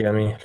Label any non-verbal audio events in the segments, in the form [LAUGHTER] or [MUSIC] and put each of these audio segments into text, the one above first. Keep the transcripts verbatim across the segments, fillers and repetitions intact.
جميل.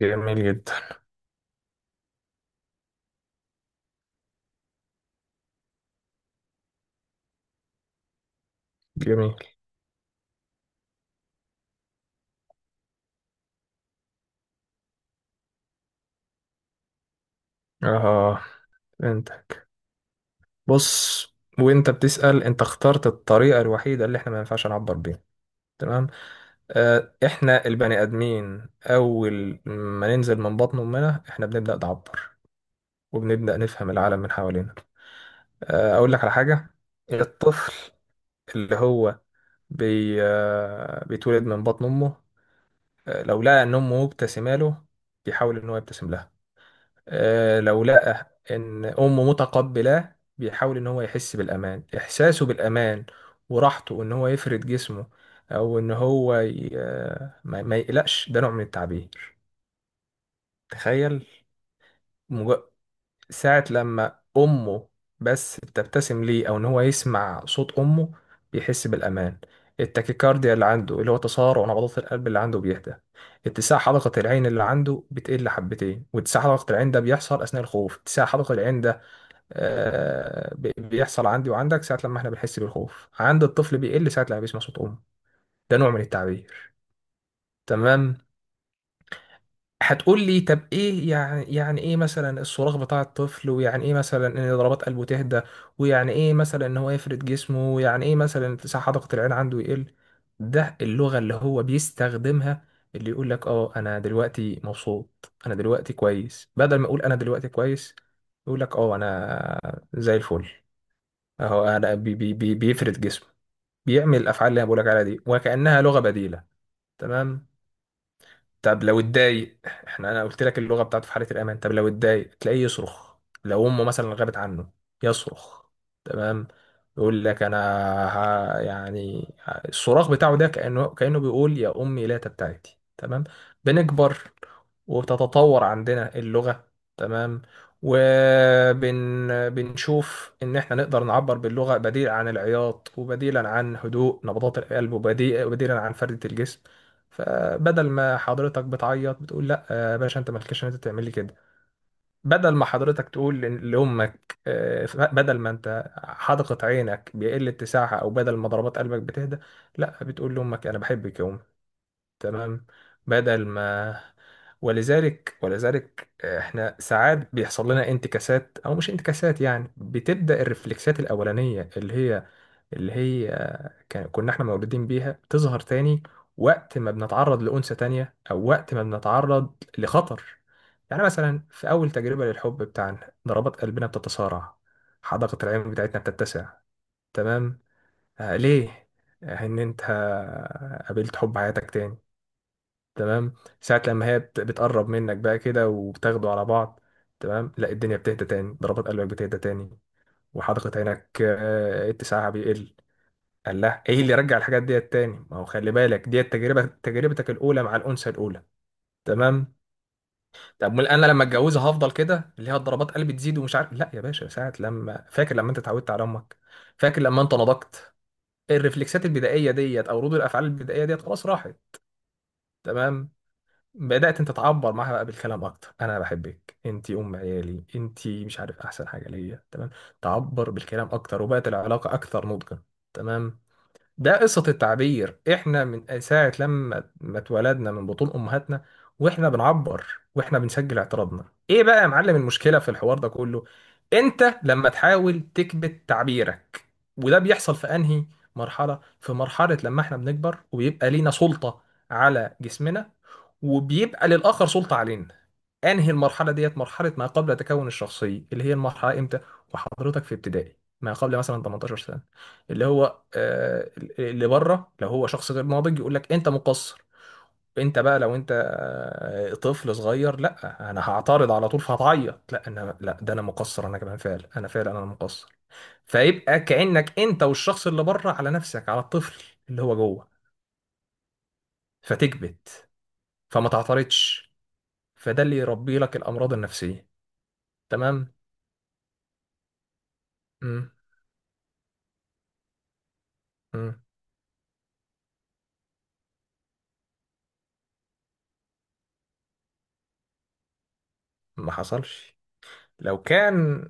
جميل جدا جميل اه، فهمتك. بص، وانت بتسأل انت اخترت الطريقة الوحيدة اللي احنا ما ينفعش نعبر بيها. تمام. آه، احنا البني ادمين اول ما ننزل من بطن امنا احنا بنبدأ نعبر وبنبدأ نفهم العالم من حوالينا. آه، اقول لك على حاجة. الطفل اللي هو بي آه بيتولد من بطن امه. آه، لو لقى ان امه مبتسمه له بيحاول ان هو يبتسم لها. آه، لو لقى ان امه متقبلاه بيحاول ان هو يحس بالامان، احساسه بالامان وراحته ان هو يفرد جسمه او ان هو ي... آه، ما ما يقلقش. ده نوع من التعبير. تخيل، مج... ساعة لما امه بس بتبتسم ليه او ان هو يسمع صوت امه بيحس بالامان. التاكيكارديا اللي عنده، اللي هو تسارع نبضات القلب اللي عنده، بيهدى. اتساع حلقة العين اللي عنده بتقل حبتين، واتساع حلقة العين ده بيحصل أثناء الخوف. اتساع حلقة العين ده آه، بي- بيحصل عندي وعندك ساعة لما احنا بنحس بالخوف، عند الطفل بيقل ساعة لما بيسمع صوت أمه. ده نوع من التعبير. تمام. هتقول لي طب ايه يعني، يعني ايه مثلا الصراخ بتاع الطفل، ويعني ايه مثلا ان ضربات قلبه تهدى، ويعني ايه مثلا ان هو يفرد جسمه، ويعني ايه مثلا اتساع حدقة العين عنده يقل. ده اللغة اللي هو بيستخدمها، اللي يقول لك اه انا دلوقتي مبسوط، انا دلوقتي كويس. بدل ما اقول انا دلوقتي كويس يقول لك اه انا زي الفل. اهو انا بي بي بي بيفرد جسمه، بيعمل الافعال اللي انا بقولك عليها دي وكانها لغه بديله. تمام. طب لو اتضايق، احنا انا قلت لك اللغه بتاعته في حاله الامان، طب لو اتضايق تلاقيه يصرخ. لو امه مثلا غابت عنه يصرخ. تمام. يقول لك انا، ها يعني الصراخ بتاعه ده كانه، كانه بيقول يا امي لا تبتعدي. تمام. بنكبر وبتتطور عندنا اللغه. تمام. وبن بنشوف ان احنا نقدر نعبر باللغه بديل عن العياط، وبديلا عن هدوء نبضات القلب، وبديل- وبديلا عن فرده الجسم. فبدل ما حضرتك بتعيط بتقول لا آه، يا باشا انت مالكش ان انت تعمل لي كده، بدل ما حضرتك تقول ل- لامك، آه، ف- بدل ما انت حدقت عينك بيقل اتساعها، او بدل ما ضربات قلبك بتهدى، لا بتقول لامك انا بحبك يا ام. تمام. بدل ما، ولذلك ولذلك آه، احنا ساعات بيحصل لنا انتكاسات، او مش انتكاسات يعني، بتبدا الرفلكسات الاولانيه اللي هي، اللي هي كان كنا احنا مولودين بيها تظهر تاني وقت ما بنتعرض لأنثى تانية، أو وقت ما بنتعرض لخطر. يعني مثلا في أول تجربة للحب بتاعنا ضربات قلبنا بتتصارع، حدقة العين بتاعتنا بتتسع. تمام. آه ليه؟ آه، إن أنت قابلت حب حياتك تاني. تمام. ساعة لما هي بت- بتقرب منك بقى كده وبتاخدوا على بعض، تمام لا، الدنيا بتهدى تاني، ضربات قلبك بتهدى تاني، وحدقة عينك آه، اتساعها بيقل. قال لها ايه اللي يرجع الحاجات ديت تاني؟ ما هو خلي بالك ديت تجربه، تجربتك الاولى مع الانثى الاولى. تمام. طب امال انا لما اتجوزها هفضل كده، اللي هي الضربات قلبي تزيد ومش عارف؟ لا يا باشا، ساعه لما فاكر لما انت اتعودت على امك، فاكر لما انت نضجت، الرفلكسات البدائيه ديت او ردود الافعال البدائيه ديت خلاص راحت. تمام. بدات انت تعبر معاها بقى بالكلام اكتر، انا بحبك، انت ام عيالي، انت مش عارف احسن حاجه ليا. تمام. تعبر بالكلام اكتر وبقت العلاقه اكثر نضجا. تمام. ده قصة التعبير، احنا من ساعة لما ما اتولدنا من بطون امهاتنا واحنا بنعبر، واحنا بنسجل اعتراضنا. ايه بقى يا معلم المشكلة في الحوار ده كله؟ انت لما تحاول تكبت تعبيرك. وده بيحصل في انهي مرحلة؟ في مرحلة لما احنا بنكبر وبيبقى لينا سلطة على جسمنا، وبيبقى للآخر سلطة علينا. انهي المرحله ديت؟ مرحله ما قبل تكون الشخصيه، اللي هي المرحله امتى؟ وحضرتك في ابتدائي، ما قبل مثلا تمنتاشر سنه. اللي هو آه، اللي بره لو هو شخص غير ناضج يقول لك انت مقصر، انت بقى لو انت آه، طفل صغير لا انا هعترض على طول فهتعيط، لا انا، لا ده انا مقصر، انا كمان فعلا، انا فعلا انا مقصر. فيبقى كانك انت والشخص اللي بره على نفسك، على الطفل اللي هو جوه. فتكبت، فما تعترضش، فده اللي يربي لك الامراض النفسيه. تمام. امم. ما حصلش. لو كان.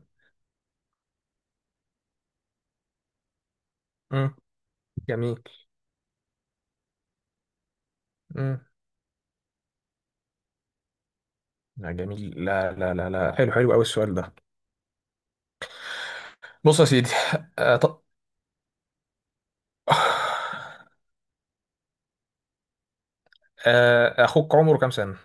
مم. جميل. مم. لا جميل، لا لا لا لا حلو، حلو قوي السؤال ده. بص يا سيدي، آه ط... آه اخوك عمره كام سنة؟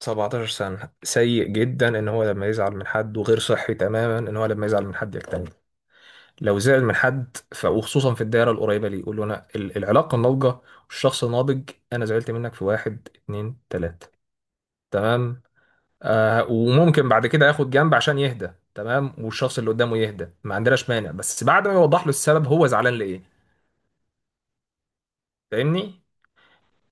سبعتاشر سنة. سيء جدا ان هو لما يزعل من حد، وغير صحي تماما ان هو لما يزعل من حد يكتمل. لو زعل من حد ف- وخصوصا في الدائرة القريبة ليه، يقول له انا ال- العلاقة الناضجة والشخص الناضج، انا زعلت منك في واحد اتنين تلاتة. تمام. آه، وممكن بعد كده ياخد جنب عشان يهدى. تمام. والشخص اللي قدامه يهدى ما عندناش مانع، بس بعد ما يوضح له السبب هو زعلان ليه. فاهمني؟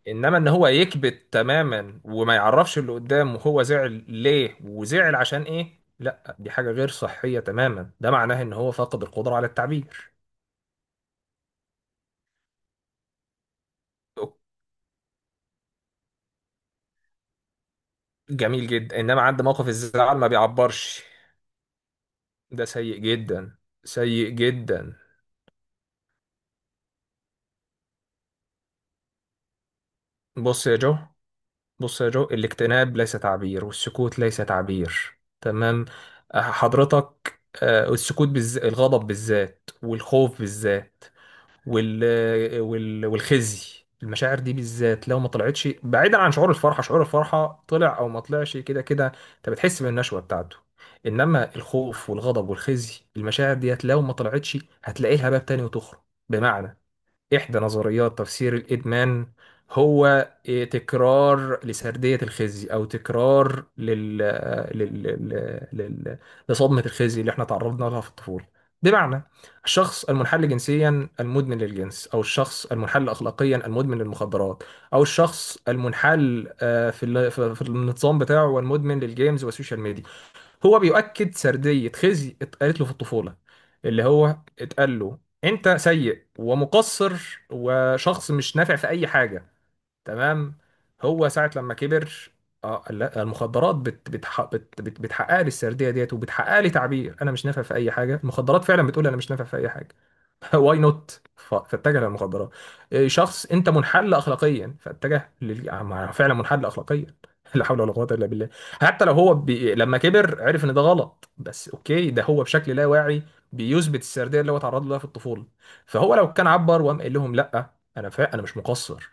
انما ان هو يكبت تماما وما يعرفش اللي قدامه هو زعل ليه وزعل عشان ايه، لا دي حاجة غير صحية تماما. ده معناه ان هو فقد القدرة على التعبير. جميل جدا. انما عند موقف الزعل ما بيعبرش، ده سيء جدا. سيء جدا. بص يا جو، بص يا جو، الاكتئاب ليس تعبير، والسكوت ليس تعبير. تمام. آه، حضرتك آه، السكوت بالذات، الغضب بالذات، والخوف بالذات، وال... آه، وال... والخزي، المشاعر دي بالذات لو ما طلعتش، بعيدا عن شعور الفرحة، شعور الفرحة طلع او ما طلعش كده كده انت بتحس بالنشوة بتاعته. انما الخوف والغضب والخزي، المشاعر ديت لو ما طلعتش هتلاقي لها باب تاني وتخرج. بمعنى، إحدى نظريات تفسير الإدمان هو إيه، تكرار لسردية الخزي، أو تكرار لل... لل... لل... لل... لصدمة الخزي اللي احنا تعرضنا لها في الطفولة. بمعنى، الشخص المنحل جنسيا المدمن للجنس، أو الشخص المنحل أخلاقيا المدمن للمخدرات، أو الشخص المنحل آه، في ال- في في النظام بتاعه والمدمن للجيمز والسوشيال ميديا، هو بيؤكد سردية خزي اتقالت له في الطفولة، اللي هو اتقال له انت سيء ومقصر وشخص مش نافع في اي حاجة. تمام. هو ساعة لما كبر، اه لا، المخدرات بت بتح بت بت بتحقق لي السرديه ديت، وبتحقق لي تعبير انا مش نافع في اي حاجه، المخدرات فعلا بتقول انا مش نافع في اي حاجه. [LAUGHS] واي نوت فاتجه للمخدرات. إيه، شخص انت منحل اخلاقيا فاتجه لل... عم- فعلا منحل اخلاقيا. [LAUGHS] لا حول ولا قوه الا بالله. حتى لو هو بي... لما كبر عرف ان ده غلط، بس اوكي ده هو بشكل لا واعي بيثبت السرديه اللي هو اتعرض لها في الطفوله. فهو لو كان عبر وقام قال لهم لا، انا فا... انا مش مقصر،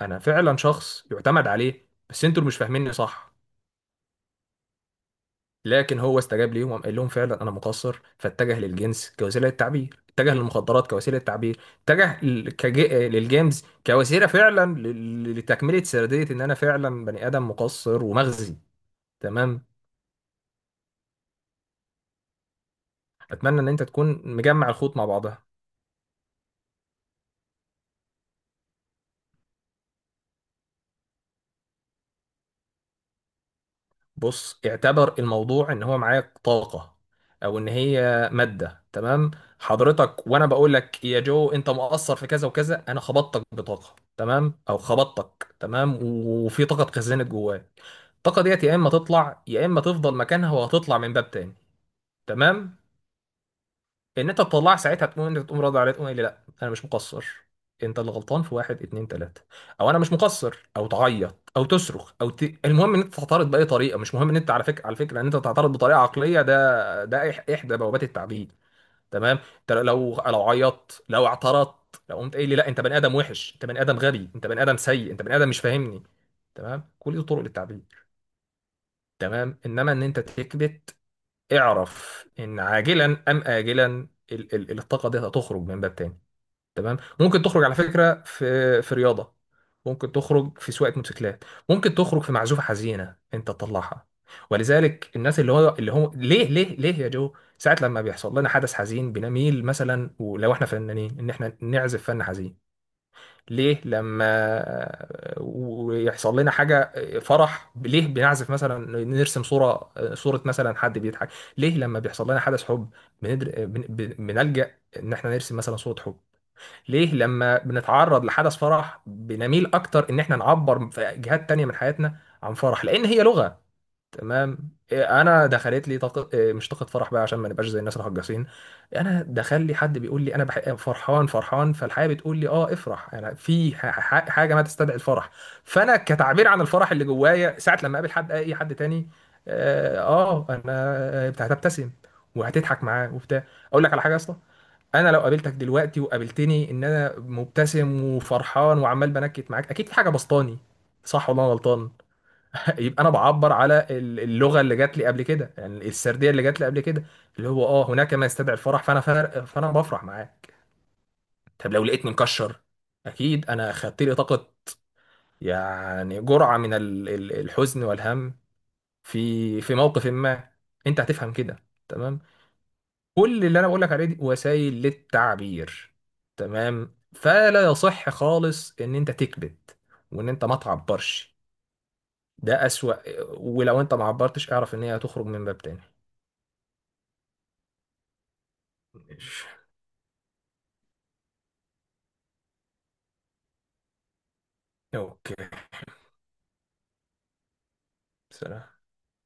انا فعلا شخص يعتمد عليه، بس انتوا اللي مش فاهميني صح. لكن هو استجاب ليهم وقام قال لهم فعلا انا مقصر، فاتجه للجنس كوسيله للتعبير، اتجه للمخدرات كوسيله للتعبير، اتجه ل- كج- للجيمز كوسيله فعلا ل- لتكمله سرديه ان انا فعلا بني ادم مقصر ومغزي. تمام. اتمنى ان انت تكون مجمع الخيوط مع بعضها. بص، اعتبر الموضوع ان هو معاك طاقة او ان هي مادة. تمام. حضرتك، وانا بقول لك يا جو انت مقصر في كذا وكذا، انا خبطتك بطاقة، تمام، او خبطتك، تمام، وفي طاقة اتخزنت جواك. الطاقة ديت يا اما تطلع، يا اما تفضل مكانها وهتطلع من باب تاني. تمام. ان انت تطلع ساعتها تقوم، انت تقوم راضي عليه، تقوم قايل لي لا انا مش مقصر، انت اللي غلطان في واحد اتنين تلاته، او انا مش مقصر، او تعيط، او تصرخ، او ت... المهم ان انت تعترض باي طريقه. مش مهم ان انت على فكره، على فكره ان انت تعترض بطريقه عقليه، ده ده إح- احدى بوابات التعديل. تمام. انت لو، لو عيطت، لو اعترضت، لو قمت قايل لي لا انت بني ادم وحش، انت بني ادم غبي، انت بني ادم سيء، انت بني ادم مش فاهمني، تمام، كل دي طرق للتعبير. تمام. انما ان انت تكبت، اعرف ان عاجلا ام اجلا ال- ال- الطاقه دي هتخرج من باب تاني. تمام. ممكن تخرج على فكره في في رياضه، ممكن تخرج في سواقه موتوسيكلات، ممكن تخرج في معزوفه حزينه انت تطلعها. ولذلك الناس اللي هو اللي هو ليه ليه ليه يا جو ساعات لما بيحصل لنا حدث حزين بنميل مثلا، ولو احنا فنانين، ان احنا نعزف فن حزين؟ ليه لما ويحصل لنا حاجة فرح ليه بنعزف مثلا، نرسم صورة، صورة مثلا حد بيضحك؟ ليه لما بيحصل لنا حدث حب بندر... بن... بن- بنلجأ ان احنا نرسم مثلا صورة حب؟ ليه لما بنتعرض لحدث فرح بنميل اكتر ان احنا نعبر في جهات تانية من حياتنا عن فرح؟ لان هي لغة. تمام. إيه، انا دخلت لي طاقه إيه، مش طاقه فرح بقى عشان ما نبقاش زي الناس الهجاسين. انا دخل لي حد بيقول لي انا بح... فرحان، فرحان، فالحياه بتقول لي اه افرح، انا في ح... ح- حاجه ما تستدعي الفرح. فانا كتعبير عن الفرح اللي جوايا، ساعه لما اقابل حد، اي حد تاني، اه آه، انا آه، بتاع- هتبتسم وهتضحك معاه وبتاع. اقول لك على حاجه يا اسطى. انا لو قابلتك دلوقتي وقابلتني ان انا مبتسم وفرحان وعمال بنكت معاك، اكيد في حاجه بسطاني. صح ولا أنا غلطان؟ [LAUGHS] يبقى انا بعبر على ال- اللغه اللي جات لي قبل كده، يعني السرديه اللي جات لي قبل كده، اللي هو اه هناك ما يستدعي الفرح، فانا فر... فانا بفرح معاك. طب لو لقيتني مكشر، اكيد انا خدت لي طاقه، يعني جرعه من ال- ال- الحزن والهم في في موقف ما، انت هتفهم كده. تمام. كل اللي انا بقول لك عليه دي وسائل للتعبير. تمام. فلا يصح خالص ان انت تكبت وان انت ما تعبرش. ده اسوأ. ولو انت ما عبرتش اعرف ان هي هتخرج من باب تاني. ماشي. اوكي. سلام.